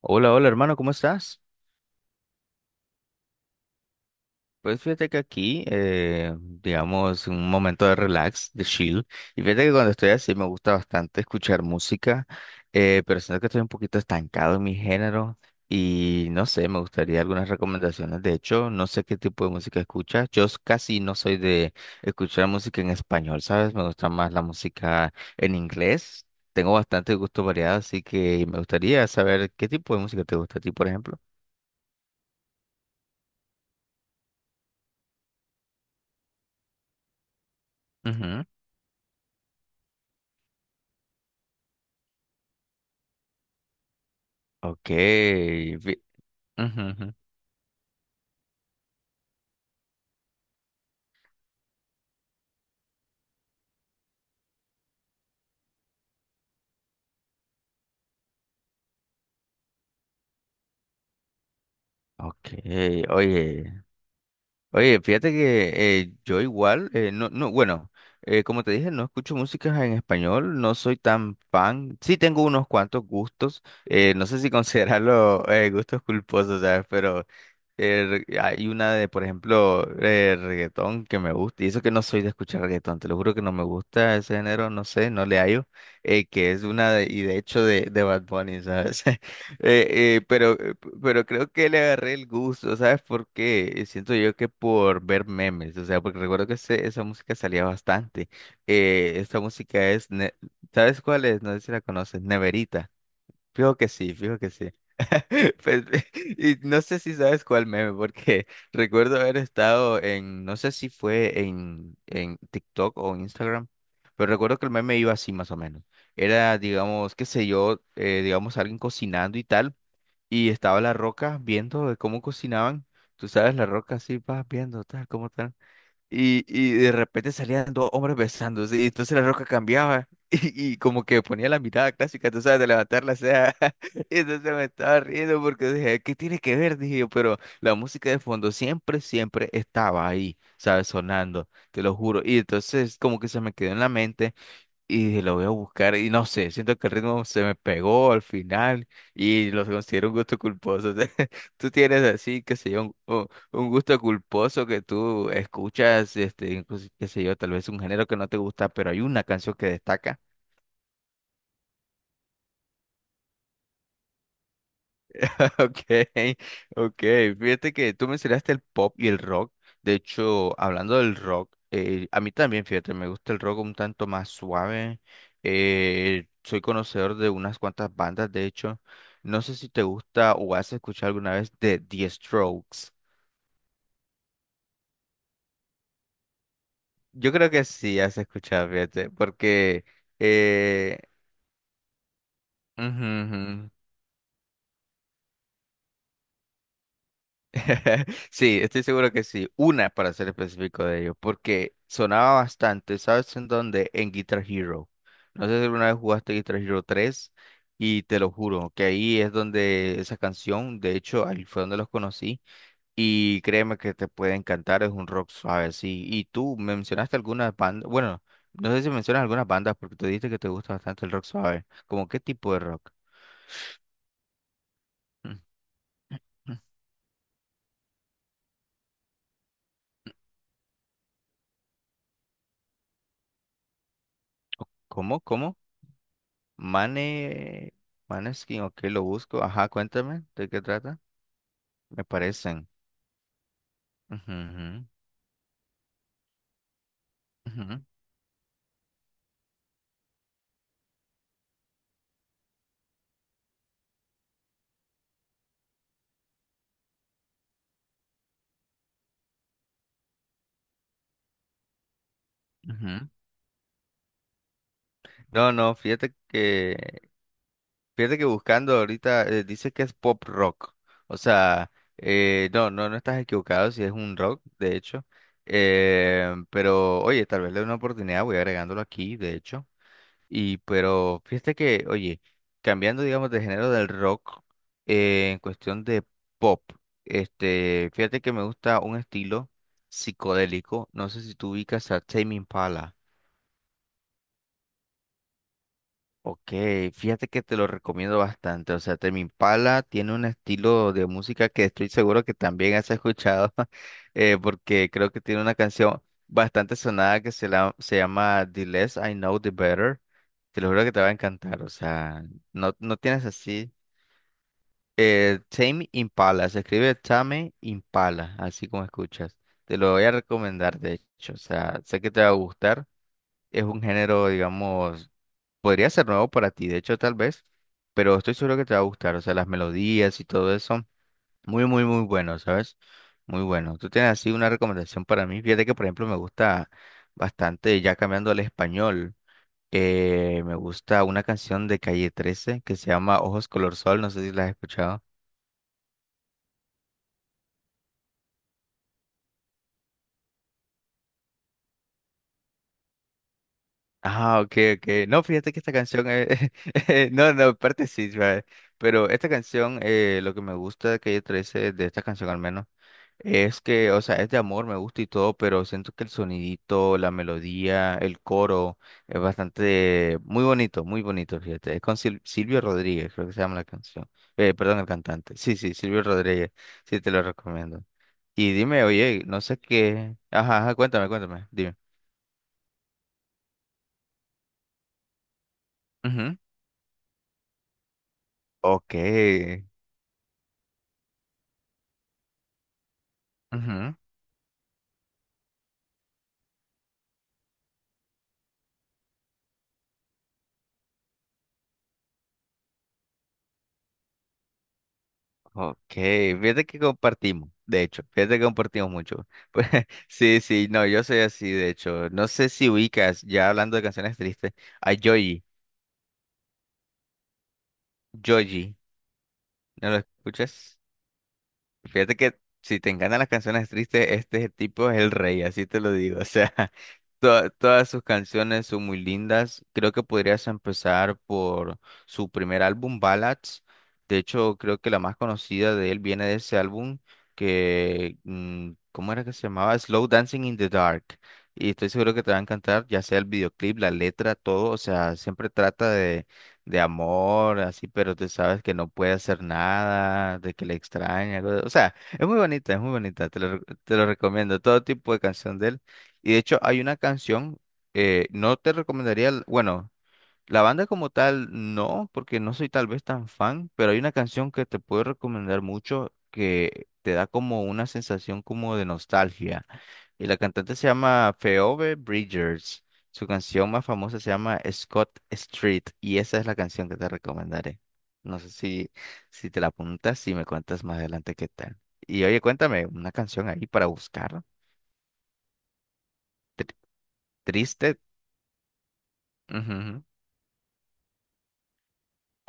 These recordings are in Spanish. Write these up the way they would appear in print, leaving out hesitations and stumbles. Hola, hola hermano, ¿cómo estás? Pues fíjate que aquí, digamos, un momento de relax, de chill. Y fíjate que cuando estoy así me gusta bastante escuchar música, pero siento que estoy un poquito estancado en mi género y no sé, me gustaría algunas recomendaciones. De hecho, no sé qué tipo de música escuchas. Casi no soy de escuchar música en español, ¿sabes? Me gusta más la música en inglés. Tengo bastante gusto variado, así que me gustaría saber qué tipo de música te gusta a ti, por ejemplo. Ok. fi- Ujú, ujú. Ok, oye, oye, fíjate que yo igual, no, no, bueno, como te dije, no escucho música en español, no soy tan fan, sí tengo unos cuantos gustos, no sé si considerarlo gustos culposos, ¿sabes? Hay una de, por ejemplo, reggaetón que me gusta, y eso que no soy de escuchar reggaetón, te lo juro que no me gusta ese género, no sé, no le hallo, que es una de, y de hecho de Bad Bunny, ¿sabes? Pero creo que le agarré el gusto, ¿sabes por qué? Siento yo que por ver memes, o sea, porque recuerdo que esa música salía bastante. Esta música es, ¿sabes cuál es? No sé si la conoces, Neverita. Fijo que sí, fijo que sí. Pues, y no sé si sabes cuál meme, porque recuerdo haber estado en, no sé si fue en TikTok o en Instagram, pero recuerdo que el meme iba así más o menos. Era, digamos, qué sé yo, digamos, alguien cocinando y tal, y estaba La Roca viendo de cómo cocinaban. Tú sabes, La Roca así, vas viendo, tal, cómo tal. Y de repente salían dos hombres besándose, y entonces la roca cambiaba, y como que ponía la mirada clásica, tú sabes, de levantar la ceja, y entonces me estaba riendo porque dije, ¿qué tiene que ver? Dije yo, pero la música de fondo siempre, siempre estaba ahí, ¿sabes? Sonando, te lo juro, y entonces como que se me quedó en la mente, y dije, lo voy a buscar y no sé, siento que el ritmo se me pegó al final y lo considero un gusto culposo. Tú tienes así, qué sé yo, un gusto culposo que tú escuchas, este, incluso, qué sé yo, tal vez un género que no te gusta, pero hay una canción que destaca. Ok, ok. Fíjate que tú mencionaste el pop y el rock. De hecho, hablando del rock, a mí también, fíjate, me gusta el rock un tanto más suave. Soy conocedor de unas cuantas bandas, de hecho. No sé si te gusta o has escuchado alguna vez de The Strokes. Yo creo que sí has escuchado, fíjate, porque... eh, ujú, ujú. Sí, estoy seguro que sí. Una para ser específico de ello, porque sonaba bastante, ¿sabes en dónde? En Guitar Hero. No sé si alguna vez jugaste Guitar Hero 3 y te lo juro que ahí es donde esa canción, de hecho, ahí fue donde los conocí y créeme que te puede encantar, es un rock suave, sí. Y tú mencionaste algunas bandas, bueno, no sé si mencionas algunas bandas porque tú dijiste que te gusta bastante el rock suave. ¿Cómo qué tipo de rock? ¿Cómo? ¿Cómo? Mane, Maneskin, ok, lo busco. Ajá, cuéntame, ¿de qué trata? Me parecen. Ujú, ujú, ujú, ujú. No, no, fíjate que buscando ahorita dice que es pop rock. O sea, no, no, no estás equivocado si es un rock, de hecho. Pero, oye, tal vez le dé una oportunidad, voy agregándolo aquí, de hecho. Y pero fíjate que, oye, cambiando digamos de género del rock, en cuestión de pop, este, fíjate que me gusta un estilo psicodélico, no sé si tú ubicas a Tame Impala. Ok, fíjate que te lo recomiendo bastante. O sea, Tame Impala tiene un estilo de música que estoy seguro que también has escuchado, porque creo que tiene una canción bastante sonada que se llama The Less I Know, The Better. Te lo juro que te va a encantar. O sea, no, no tienes así. Tame Impala, se escribe Tame Impala, así como escuchas. Te lo voy a recomendar, de hecho. O sea, sé que te va a gustar. Es un género, digamos. Podría ser nuevo para ti, de hecho, tal vez, pero estoy seguro que te va a gustar. O sea, las melodías y todo eso, muy, muy, muy bueno, ¿sabes? Muy bueno. Tú tienes así una recomendación para mí. Fíjate que, por ejemplo, me gusta bastante, ya cambiando al español, me gusta una canción de Calle trece que se llama Ojos Color Sol. No sé si la has escuchado. Ah, ok, ok. No, fíjate que esta canción es... No, no, aparte sí, ¿sabes? Pero esta canción, lo que me gusta de Calle trece de esta canción al menos. Es que, o sea, es de amor, me gusta y todo, pero siento que el sonidito, la melodía, el coro es bastante, muy bonito, fíjate. Es con Silvio Rodríguez, creo que se llama la canción. Perdón, el cantante. Sí, sí, Silvio Rodríguez. Sí, te lo recomiendo. Y dime, oye, no sé qué. Ajá, ajá, cuéntame, cuéntame, dime. Ujú. Ok. Ujú. Ok, fíjate que compartimos, de hecho, fíjate que compartimos mucho. Pues, sí, sí, no, yo soy así, de hecho. No sé si ubicas, ya hablando de canciones tristes, a Joji, Joji, ¿no lo escuchas? Fíjate que si te encantan las canciones tristes, este tipo es el rey, así te lo digo. O sea, todas sus canciones son muy lindas. Creo que podrías empezar por su primer álbum, Ballads. De hecho, creo que la más conocida de él viene de ese álbum que, mm, ¿cómo era que se llamaba? Slow Dancing in the Dark. Y estoy seguro que te va a encantar, ya sea el videoclip, la letra, todo. O sea, siempre trata de amor, así, pero tú sabes que no puede hacer nada, de que le extraña, o sea, es muy bonita, te lo recomiendo, todo tipo de canción de él. Y de hecho hay una canción, no te recomendaría, bueno. La banda como tal, no, porque no soy tal vez tan fan, pero hay una canción que te puedo recomendar mucho que te da como una sensación como de nostalgia. Y la cantante se llama Phoebe Bridgers. Su canción más famosa se llama Scott Street y esa es la canción que te recomendaré. No sé si, si te la apuntas y me cuentas más adelante qué tal. Y oye, cuéntame una canción ahí para buscar. Tri- Triste. Ujú.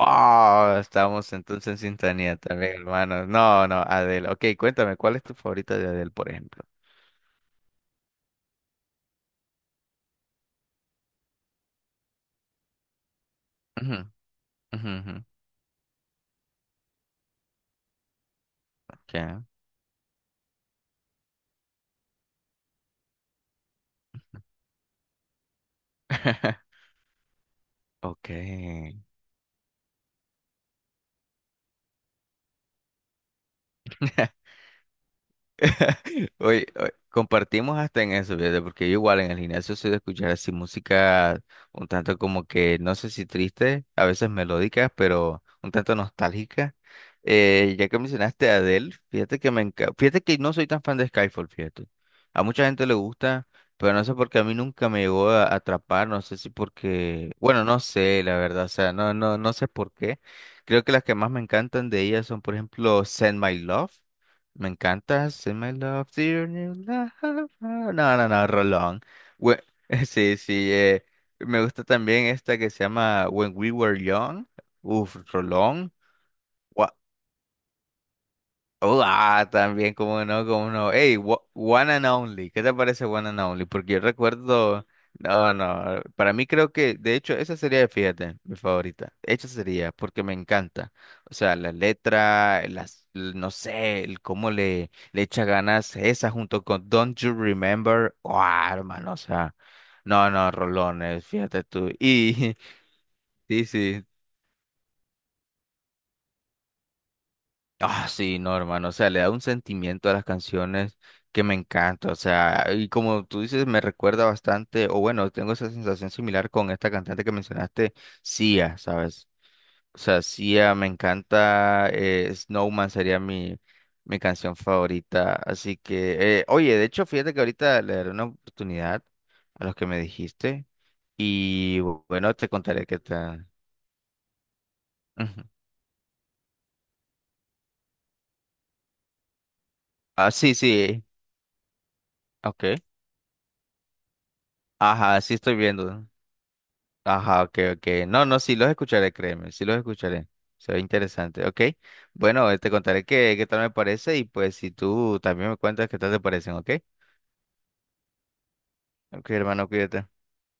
Ah, estamos entonces en sintonía también, hermano. No, no, Adele. Ok, cuéntame, ¿cuál es tu favorita de Adele, por ejemplo? Ujú, ujú, ujú. Ya. Ok. Oye, oye, compartimos hasta en eso, fíjate, porque yo igual en el gimnasio soy de escuchar así música un tanto como que, no sé si triste, a veces melódicas, pero un tanto nostálgicas. Ya que mencionaste a Adele, fíjate que fíjate que no soy tan fan de Skyfall, fíjate. A mucha gente le gusta, pero no sé por qué a mí nunca me llegó a atrapar, no sé si porque, bueno, no sé, la verdad, o sea, no, no, no sé por qué. Creo que las que más me encantan de ellas son, por ejemplo, Send My Love. Me encanta Send My Love, Dear New Love. No, no, no, Rolón. Bue- Sí, sí, me gusta también esta que se llama When We Were Young. Uf, Rolón. Oh, ah, también, cómo no, cómo no. Hey, One and Only, ¿qué te parece One and Only? Porque yo recuerdo, no, no, para mí creo que, de hecho, esa sería, fíjate, mi favorita. Esa sería, porque me encanta. O sea, la letra, las, l- no sé, el cómo le echa ganas esa junto con Don't You Remember. Oh, hermano, o sea, no, no, rolones, fíjate tú. Y sí, sí, Ah, sí, no, hermano, o sea, le da un sentimiento a las canciones que me encanta, o sea, y como tú dices, me recuerda bastante, o bueno, tengo esa sensación similar con esta cantante que mencionaste, Sia, ¿sabes? O sea, Sia me encanta, Snowman sería mi, mi canción favorita, así que, oye, de hecho, fíjate que ahorita le daré una oportunidad a los que me dijiste, y bueno, te contaré qué tal. Ujú. Ah, sí, sí, ok. Ajá, sí estoy viendo. Ajá, ok, ok. No, no, sí los escucharé, créeme, sí los escucharé. Se ve interesante, ok. Bueno, te contaré qué, qué tal me parece y pues si tú también me cuentas qué tal te parecen, ok. Ok, hermano, cuídate.